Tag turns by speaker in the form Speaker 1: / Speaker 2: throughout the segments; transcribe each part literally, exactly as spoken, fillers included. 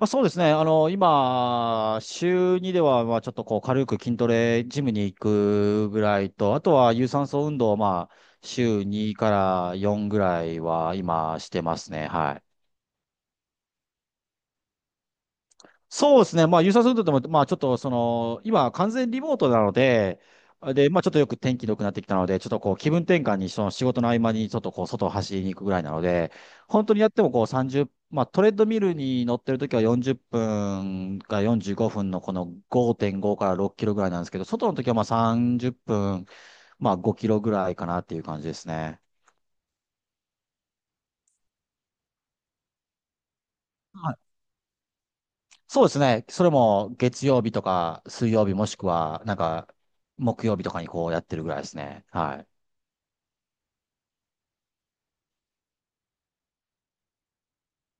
Speaker 1: あ、そうですね。あの、今、週にでは、まあ、ちょっとこう、軽く筋トレ、ジムに行くぐらいと、あとは、有酸素運動を、まあ、週にからよんぐらいは、今、してますね。はい。そうですね。まあ、優先するとでも、まあ、ちょっと、その、今、完全リモートなので、で、まあ、ちょっとよく天気良くなってきたので、ちょっとこう、気分転換に、その仕事の合間に、ちょっとこう、外を走りに行くぐらいなので、本当にやってもこう、さんじゅう、まあ、トレッドミルに乗ってる時はよんじゅっぷんからよんじゅうごふんのこのごてんごからろっキロぐらいなんですけど、外の時はまあさんじゅっぷん、まあごキロぐらいかなっていう感じですね。はい。そうですね。それも月曜日とか水曜日もしくは、なんか、木曜日とかにこうやってるぐらいですね。はい。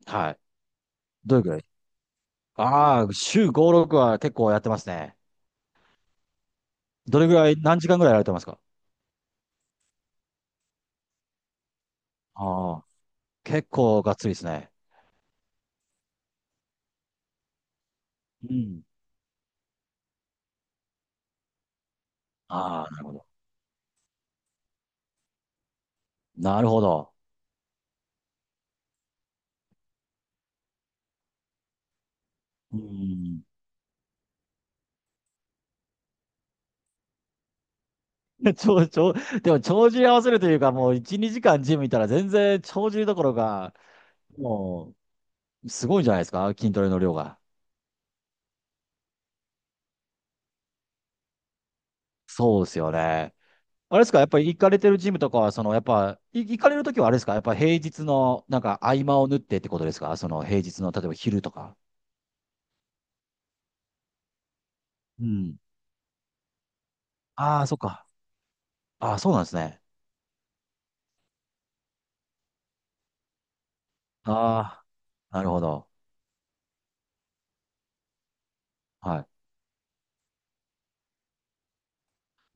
Speaker 1: はい。どれぐらい。ああー、週ご、ろくは結構やってますね。どれぐらい、何時間ぐらいやられてますか？ああー、結構がっつりですね。うん。ああ、なるほど。なるほど。うん。ちょ、ちょ、でも、帳尻合わせるというか、もういち、にじかんジムいたら全然帳尻どころか、もう、すごいんじゃないですか筋トレの量が。そうですよね。あれですか、やっぱり行かれてるジムとかは、その、やっぱ、い行かれるときはあれですか、やっぱ平日の、なんか合間を縫ってってことですか、その平日の、例えば昼とか。うん。ああ、そっか。ああ、そうなんですね。ああ、なるほど。はい。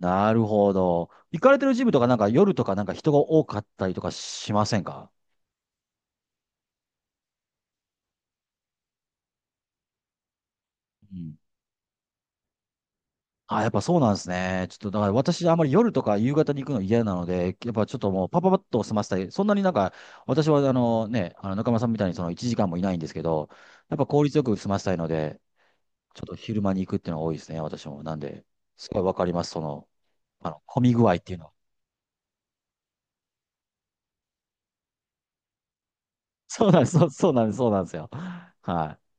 Speaker 1: なるほど。行かれてるジムとか、なんか夜とか、なんか人が多かったりとかしませんか？うん。あ、やっぱそうなんですね。ちょっと、だから私、あんまり夜とか夕方に行くの嫌なので、やっぱちょっともうパパパッと済ませたい。そんなになんか、私はあのね、あの中村さんみたいにそのいちじかんもいないんですけど、やっぱ効率よく済ませたいので、ちょっと昼間に行くっていうのが多いですね、私も。なんで、すごいわかります、その、あの、混み具合っていうのは。そうなんです、そう、そうなんです、そうなんですよ。はい。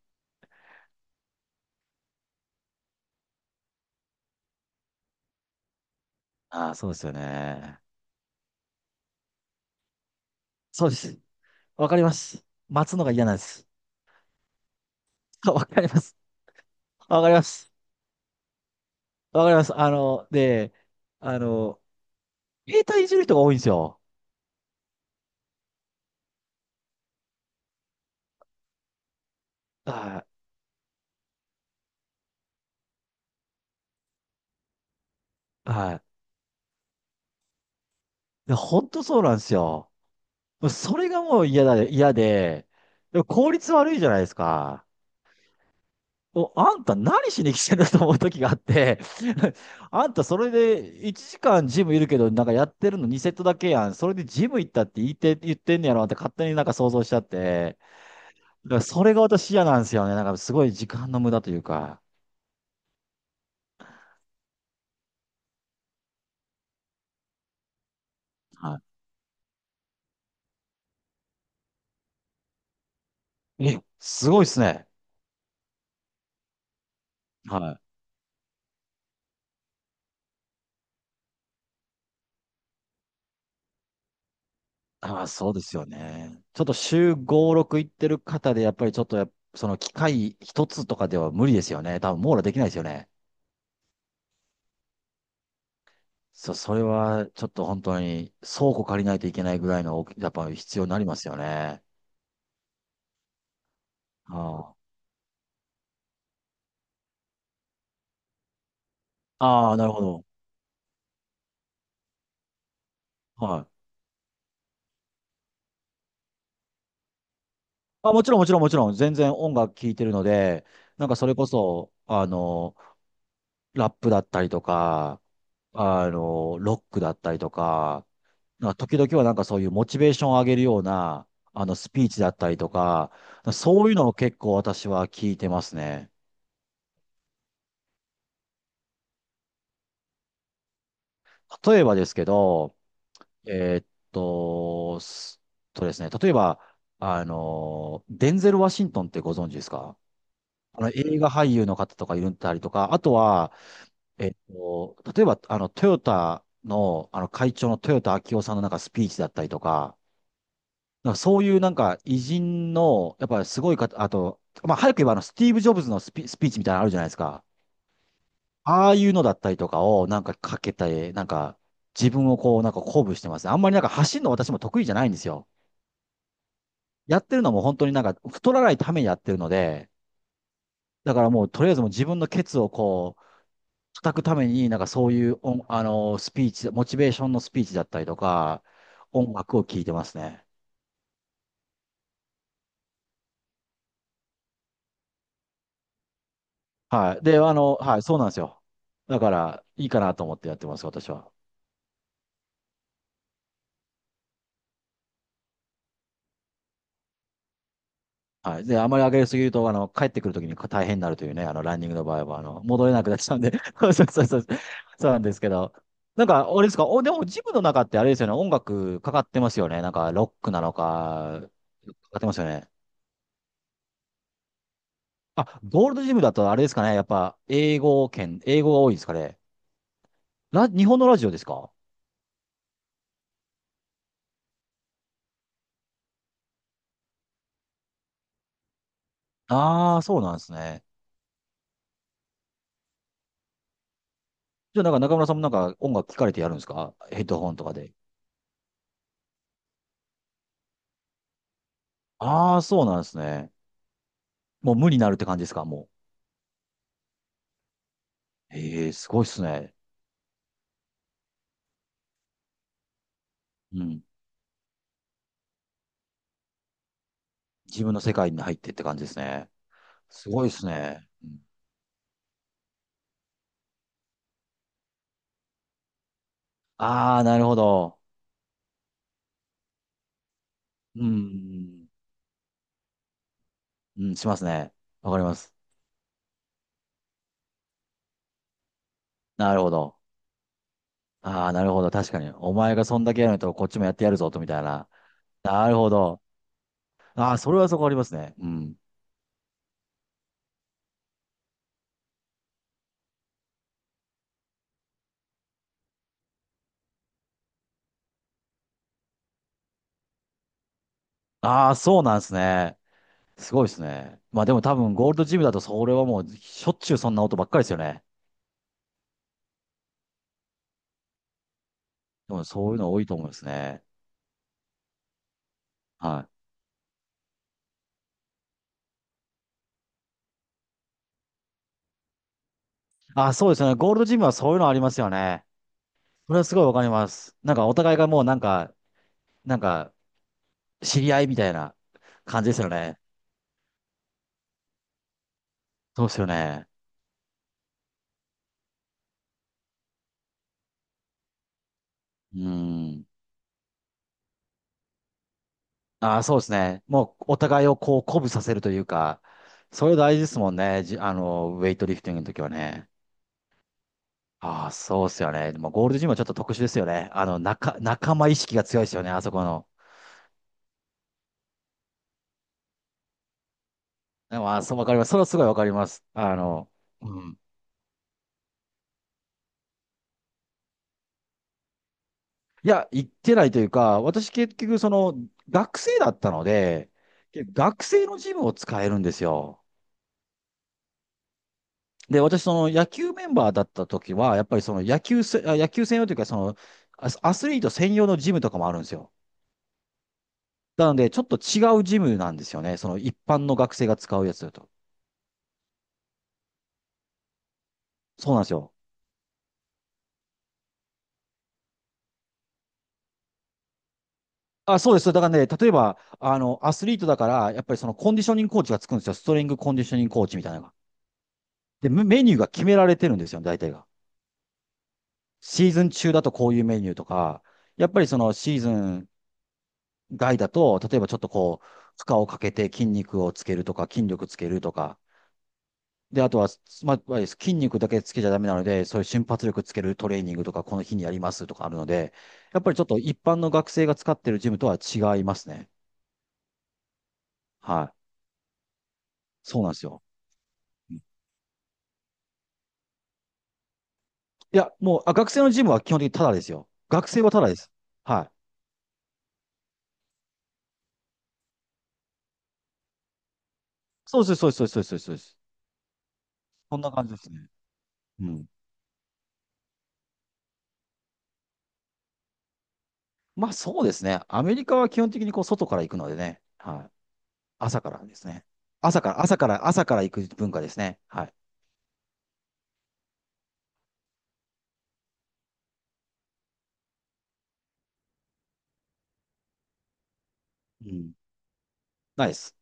Speaker 1: ああ、そうですよね。そうです。わかります。待つのが嫌なんです。あ、わかります。わかります。わかります。あの、で、あの、携帯いじる人が多いんですよ。はい。はい。で本当そうなんですよ。それがもう嫌だ、嫌で、でも効率悪いじゃないですか。お、あんた何しに来てんだと思う時があって、あんたそれでいちじかんジムいるけど、なんかやってるのにセットだけやん。それでジム行ったって言って、言ってんねやろって勝手になんか想像しちゃって。だからそれが私嫌なんですよね。なんかすごい時間の無駄というか。はい。え、すごいっすね。はい。ああ、そうですよね。ちょっと週ご、ろく行ってる方で、やっぱりちょっとやっその機械一つとかでは無理ですよね。多分網羅できないですよね。そ、それはちょっと本当に倉庫借りないといけないぐらいの大き、やっぱ必要になりますよね。ああ、ああなるほど。はい。あ、もちろんもちろんもちろん、全然音楽聴いてるので、なんかそれこそ、あの、ラップだったりとか、あの、ロックだったりとか、なんか時々はなんかそういうモチベーションを上げるような、あの、スピーチだったりとか、そういうのを結構私は聞いてますね。例えばですけど、えーっと、すとですね、例えば、あの、デンゼル・ワシントンってご存知ですか？あの、映画俳優の方とかいるんだりとか、あとは、えっと、例えば、あの、トヨタの、あの、会長の豊田章男さんのなんかスピーチだったりとか、なんかそういうなんか偉人の、やっぱすごい方、あと、まあ、早く言えばあの、スティーブ・ジョブズのスピ、スピーチみたいなのあるじゃないですか。ああいうのだったりとかをなんかかけたり、なんか自分をこうなんか鼓舞してます。あんまりなんか走るの私も得意じゃないんですよ。やってるのも本当になんか太らないためにやってるので、だからもうとりあえずもう自分のケツをこう叩くためになんかそういう音あの、スピーチ、モチベーションのスピーチだったりとか、音楽を聴いてますね。はい。で、あの、はい、そうなんですよ。だから、いいかなと思ってやってます、私は。はい。で、あまり上げすぎると、あの、帰ってくるときに大変になるというね、あの、ランニングの場合は、あの、戻れなくなっちゃうんで、そうそうそうそう、そうなんですけど。なんか、あれですか、お、でも、ジムの中ってあれですよね、音楽かかってますよね。なんか、ロックなのか、かかってますよね。あ、ゴールドジムだとあれですかね、やっぱ、英語圏、英語が多いですかね。ラ、日本のラジオですか？ああー、そうなんですね。じゃあ、なんか中村さんもなんか音楽聞かれてやるんですか、ヘッドホンとかで。ああ、そうなんですね。もう無になるって感じですか、もう。ええ、すごいっすね。うん。自分の世界に入ってって感じですね。すごいっすね。ああー、なるほど。うん。うん、しますね。わかります。なるほど。ああ、なるほど。確かに。お前がそんだけやると、こっちもやってやるぞ、と、みたいな。なるほど。ああ、それはそこありますね。うん。ああ、そうなんですね。すごいですね。まあでも多分、ゴールドジムだと、それはもう、しょっちゅうそんな音ばっかりですよね。でも、そういうの多いと思うんですね。はい。あ、そうですよね。ゴールドジムはそういうのありますよね。それはすごいわかります。なんかお互いがもうなんか、なんか、知り合いみたいな感じですよね。そうですよね。うん。ああ、そうですね。もうお互いをこう鼓舞させるというか、それ大事ですもんね。じ、あの、ウェイトリフティングの時はね。ああ、そうですよね。でもゴールドジムはちょっと特殊ですよね。あの、仲、仲間意識が強いですよね。あそこの。でも、あ、そうわかります。それはすごいわかります。あの、うん。いや、行ってないというか、私結局その学生だったので、学生のジムを使えるんですよ。で、私その野球メンバーだった時は、やっぱりその野球せ、あ野球専用というか、そのアスアスリート専用のジムとかもあるんですよ。なので、ちょっと違うジムなんですよね。その一般の学生が使うやつだと。そうなんですよ。あ、そうです。だからね、例えば、あの、アスリートだから、やっぱりそのコンディショニングコーチがつくんですよ。ストリングコンディショニングコーチみたいなのが。で、メメニューが決められてるんですよ、大体が。シーズン中だとこういうメニューとか、やっぱりそのシーズン外だと、例えばちょっとこう、負荷をかけて筋肉をつけるとか、筋力つけるとか、で、あとは、まあ、筋肉だけつけちゃダメなので、そういう瞬発力つけるトレーニングとか、この日にやりますとかあるので、やっぱりちょっと一般の学生が使ってるジムとは違いますね。はい。そうなんですよ。うん。いや、もう、あ、学生のジムは基本的にタダですよ。学生はタダです。はい。そうです、そうです、そうです、そうです。そうです。そんな感じですね。うん。まあそうですね。アメリカは基本的にこう外から行くのでね。はい。朝からですね。朝から、朝から、朝から行く文化ですね。はい。うん。ないです。